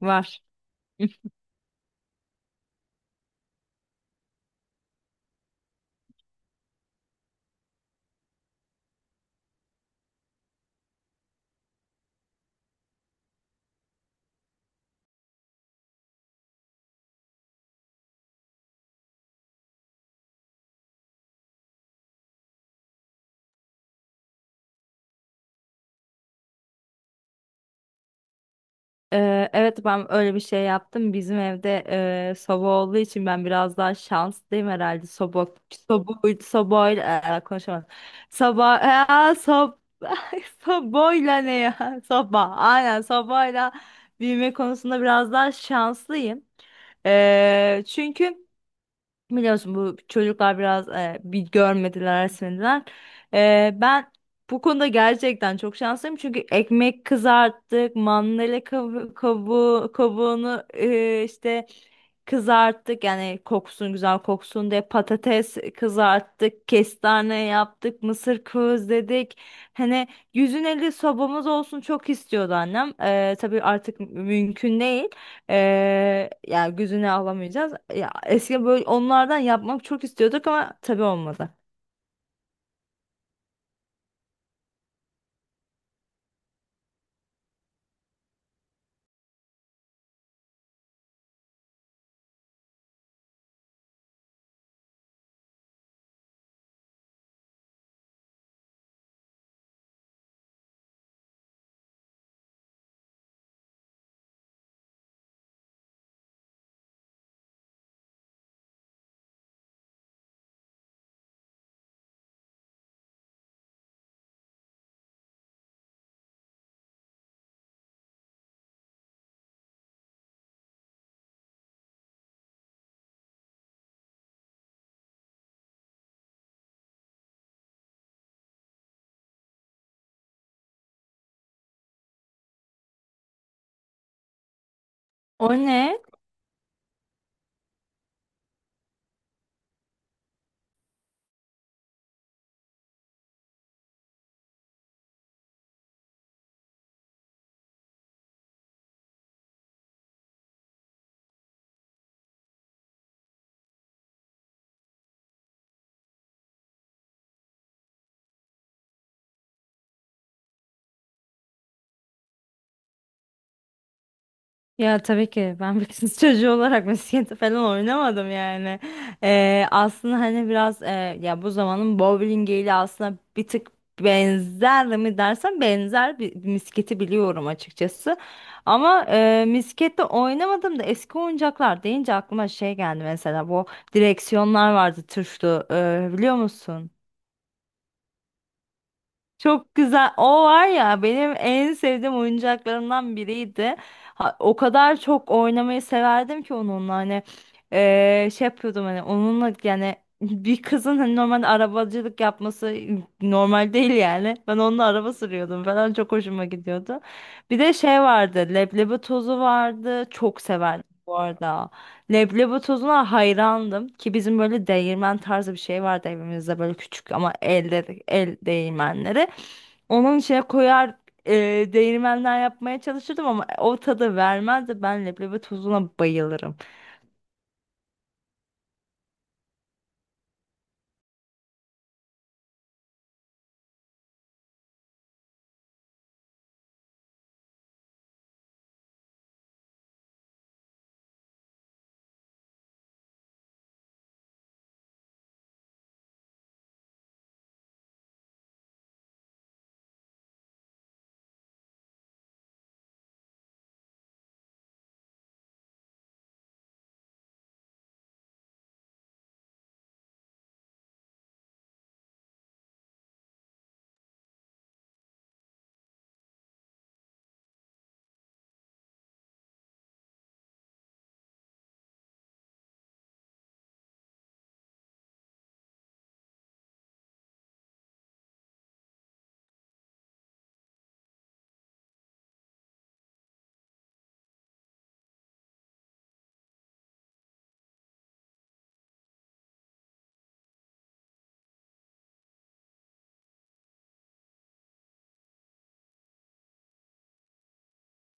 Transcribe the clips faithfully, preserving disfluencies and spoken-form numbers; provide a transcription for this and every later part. Var. Ee, evet ben öyle bir şey yaptım. Bizim evde e, soba olduğu için ben biraz daha şanslıyım herhalde. Soba, soba, sobayla e, konuşamadım. Soba, e, sob, sobayla ne ya? Soba, aynen sobayla büyüme konusunda biraz daha şanslıyım. Ee, çünkü biliyorsun bu çocuklar biraz e, bir görmediler, resmediler. E, ben bu konuda gerçekten çok şanslıyım çünkü ekmek kızarttık, mandalina kavu- kabuğu, kabuğunu e, işte kızarttık yani koksun güzel koksun diye patates kızarttık, kestane yaptık, mısır közledik. Hani yüz elli sobamız olsun çok istiyordu annem. E, tabii artık mümkün değil. Ee, yani gözüne alamayacağız. Ya eski böyle onlardan yapmak çok istiyorduk ama tabii olmadı. O ne? Ya tabii ki ben bir kız çocuğu olarak misket falan oynamadım yani. Ee, aslında hani biraz e, ya bu zamanın bowlingiyle aslında bir tık benzer mi dersen benzer bir misketi biliyorum açıkçası. Ama e, miskette oynamadım da eski oyuncaklar deyince aklıma şey geldi mesela bu direksiyonlar vardı tuşlu e, biliyor musun? Çok güzel. O var ya benim en sevdiğim oyuncaklarımdan biriydi. Ha, o kadar çok oynamayı severdim ki onunla hani eee, şey yapıyordum hani onunla yani bir kızın hani normalde arabacılık yapması normal değil yani. Ben onunla araba sürüyordum falan çok hoşuma gidiyordu. Bir de şey vardı, leblebi tozu vardı. Çok severdim bu arada. Leblebi tozuna hayrandım ki bizim böyle değirmen tarzı bir şey vardı evimizde, böyle küçük ama elde, el değirmenleri. Onun içine koyar, e, değirmenden yapmaya çalışırdım ama o tadı vermezdi. Ben leblebi tozuna bayılırım.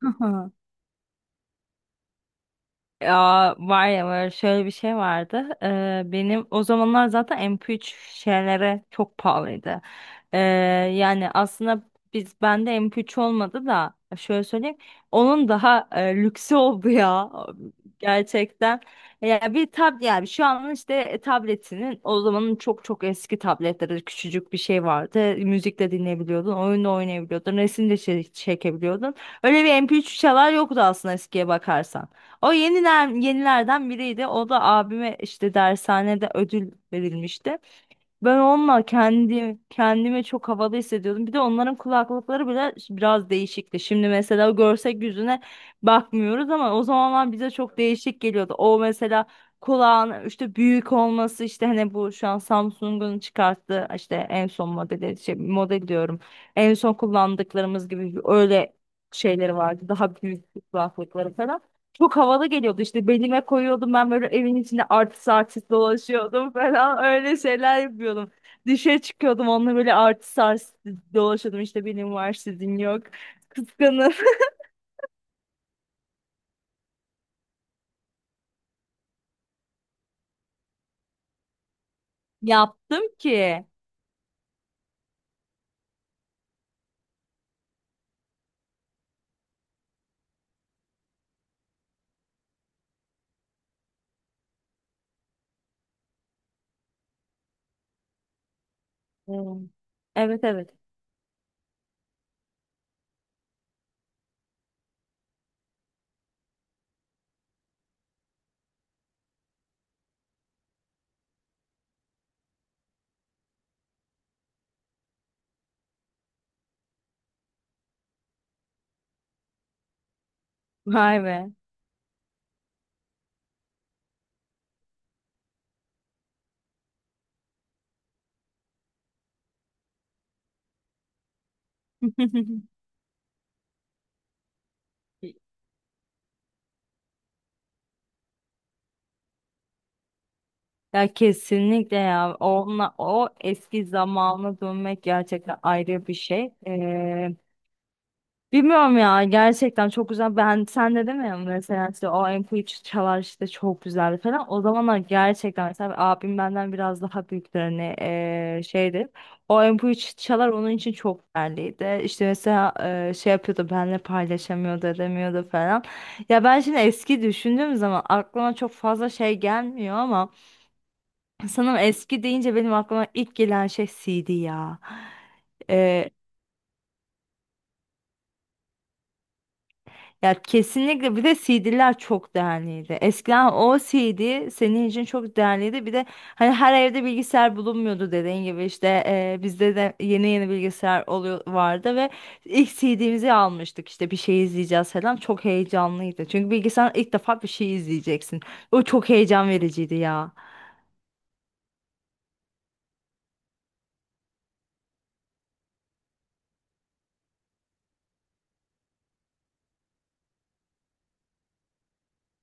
Ya var ya, böyle şöyle bir şey vardı. Ee, benim o zamanlar zaten M P üç şeylere çok pahalıydı. Ee, Yani aslında biz bende M P üç olmadı da şöyle söyleyeyim. Onun daha e, lüksü oldu ya, gerçekten. Ya bir tab yani şu an işte e, tabletinin, o zamanın çok çok eski tabletleri, küçücük bir şey vardı. Müzik de dinleyebiliyordun, oyun da oynayabiliyordun, resim de çe- çekebiliyordun. Öyle bir M P üç çalar yoktu aslında eskiye bakarsan. O yeniler, yenilerden biriydi. O da abime işte dershanede ödül verilmişti. Ben onunla kendi kendime çok havalı hissediyordum. Bir de onların kulaklıkları bile biraz değişikti. Şimdi mesela görsek yüzüne bakmıyoruz ama o zamanlar bize çok değişik geliyordu. O mesela kulağın işte büyük olması, işte hani bu şu an Samsung'un çıkarttığı işte en son modeli şey, model diyorum. En son kullandıklarımız gibi öyle şeyleri vardı. Daha büyük kulaklıkları falan. Çok havalı geliyordu, işte belime koyuyordum, ben böyle evin içinde artist artist dolaşıyordum falan öyle şeyler yapıyordum. Dışarı çıkıyordum onunla, böyle artist artist dolaşıyordum, işte benim var sizin yok. Kıskanır. Yaptım ki. Hmm. Evet evet. Vay be. Ya kesinlikle ya. Onunla, o eski zamana dönmek gerçekten ayrı bir şey. Ee, Bilmiyorum ya, gerçekten çok güzel. Ben sen de deme ya mesela işte o M P üç çalar işte çok güzeldi falan. O zamanlar gerçekten mesela abim benden biraz daha büyüktür hani eee, şeydir. O M P üç çalar onun için çok değerliydi. İşte mesela eee, şey yapıyordu, benle paylaşamıyordu, edemiyordu falan. Ya ben şimdi eski düşündüğüm zaman aklıma çok fazla şey gelmiyor ama sanırım eski deyince benim aklıma ilk gelen şey C D ya. Ya kesinlikle, bir de C D'ler çok değerliydi. Eskiden o C D senin için çok değerliydi. Bir de hani her evde bilgisayar bulunmuyordu, dediğin gibi işte e, bizde de yeni yeni bilgisayar oluyor vardı ve ilk C D'mizi almıştık, işte bir şey izleyeceğiz falan, çok heyecanlıydı. Çünkü bilgisayar ilk defa, bir şey izleyeceksin. O çok heyecan vericiydi ya.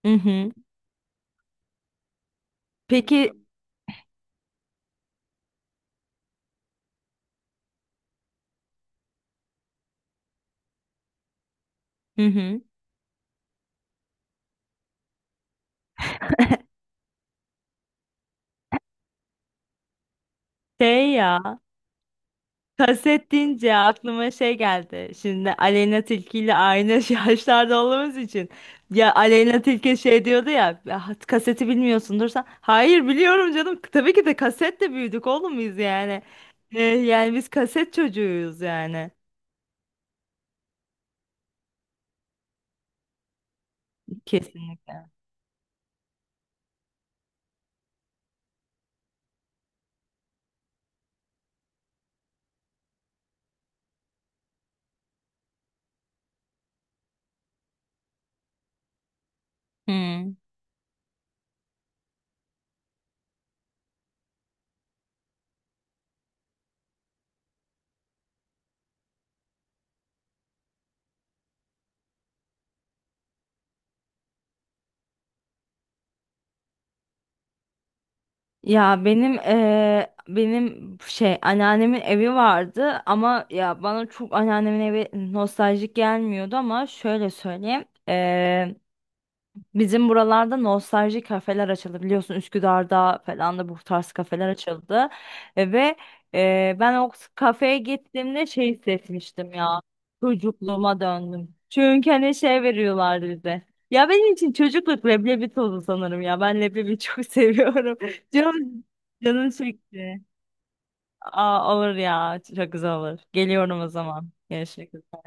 Hı hı. Peki. Hı hı. Şey ya. Kaset deyince aklıma şey geldi. Şimdi Aleyna Tilki ile aynı yaşlarda olduğumuz için. Ya Aleyna Tilki şey diyordu ya, "Ya kaseti bilmiyorsundur sen." Hayır biliyorum canım. Tabii ki de kasetle büyüdük oğlum biz yani. Ee, yani biz kaset çocuğuyuz yani. Kesinlikle. Hmm. Ya benim eee, benim şey, anneannemin evi vardı ama ya bana çok anneannemin evi nostaljik gelmiyordu ama şöyle söyleyeyim. Bizim buralarda nostalji kafeler açıldı, biliyorsun Üsküdar'da falan da bu tarz kafeler açıldı. E, ve e, ben o kafeye gittiğimde şey hissetmiştim ya, çocukluğuma döndüm. Çünkü hani şey veriyorlardı bize. Ya benim için çocukluk leblebi tozu sanırım ya, ben leblebi çok seviyorum. Canım, canım çekti. Aa, olur ya, çok güzel olur. Geliyorum o zaman. Görüşmek üzere.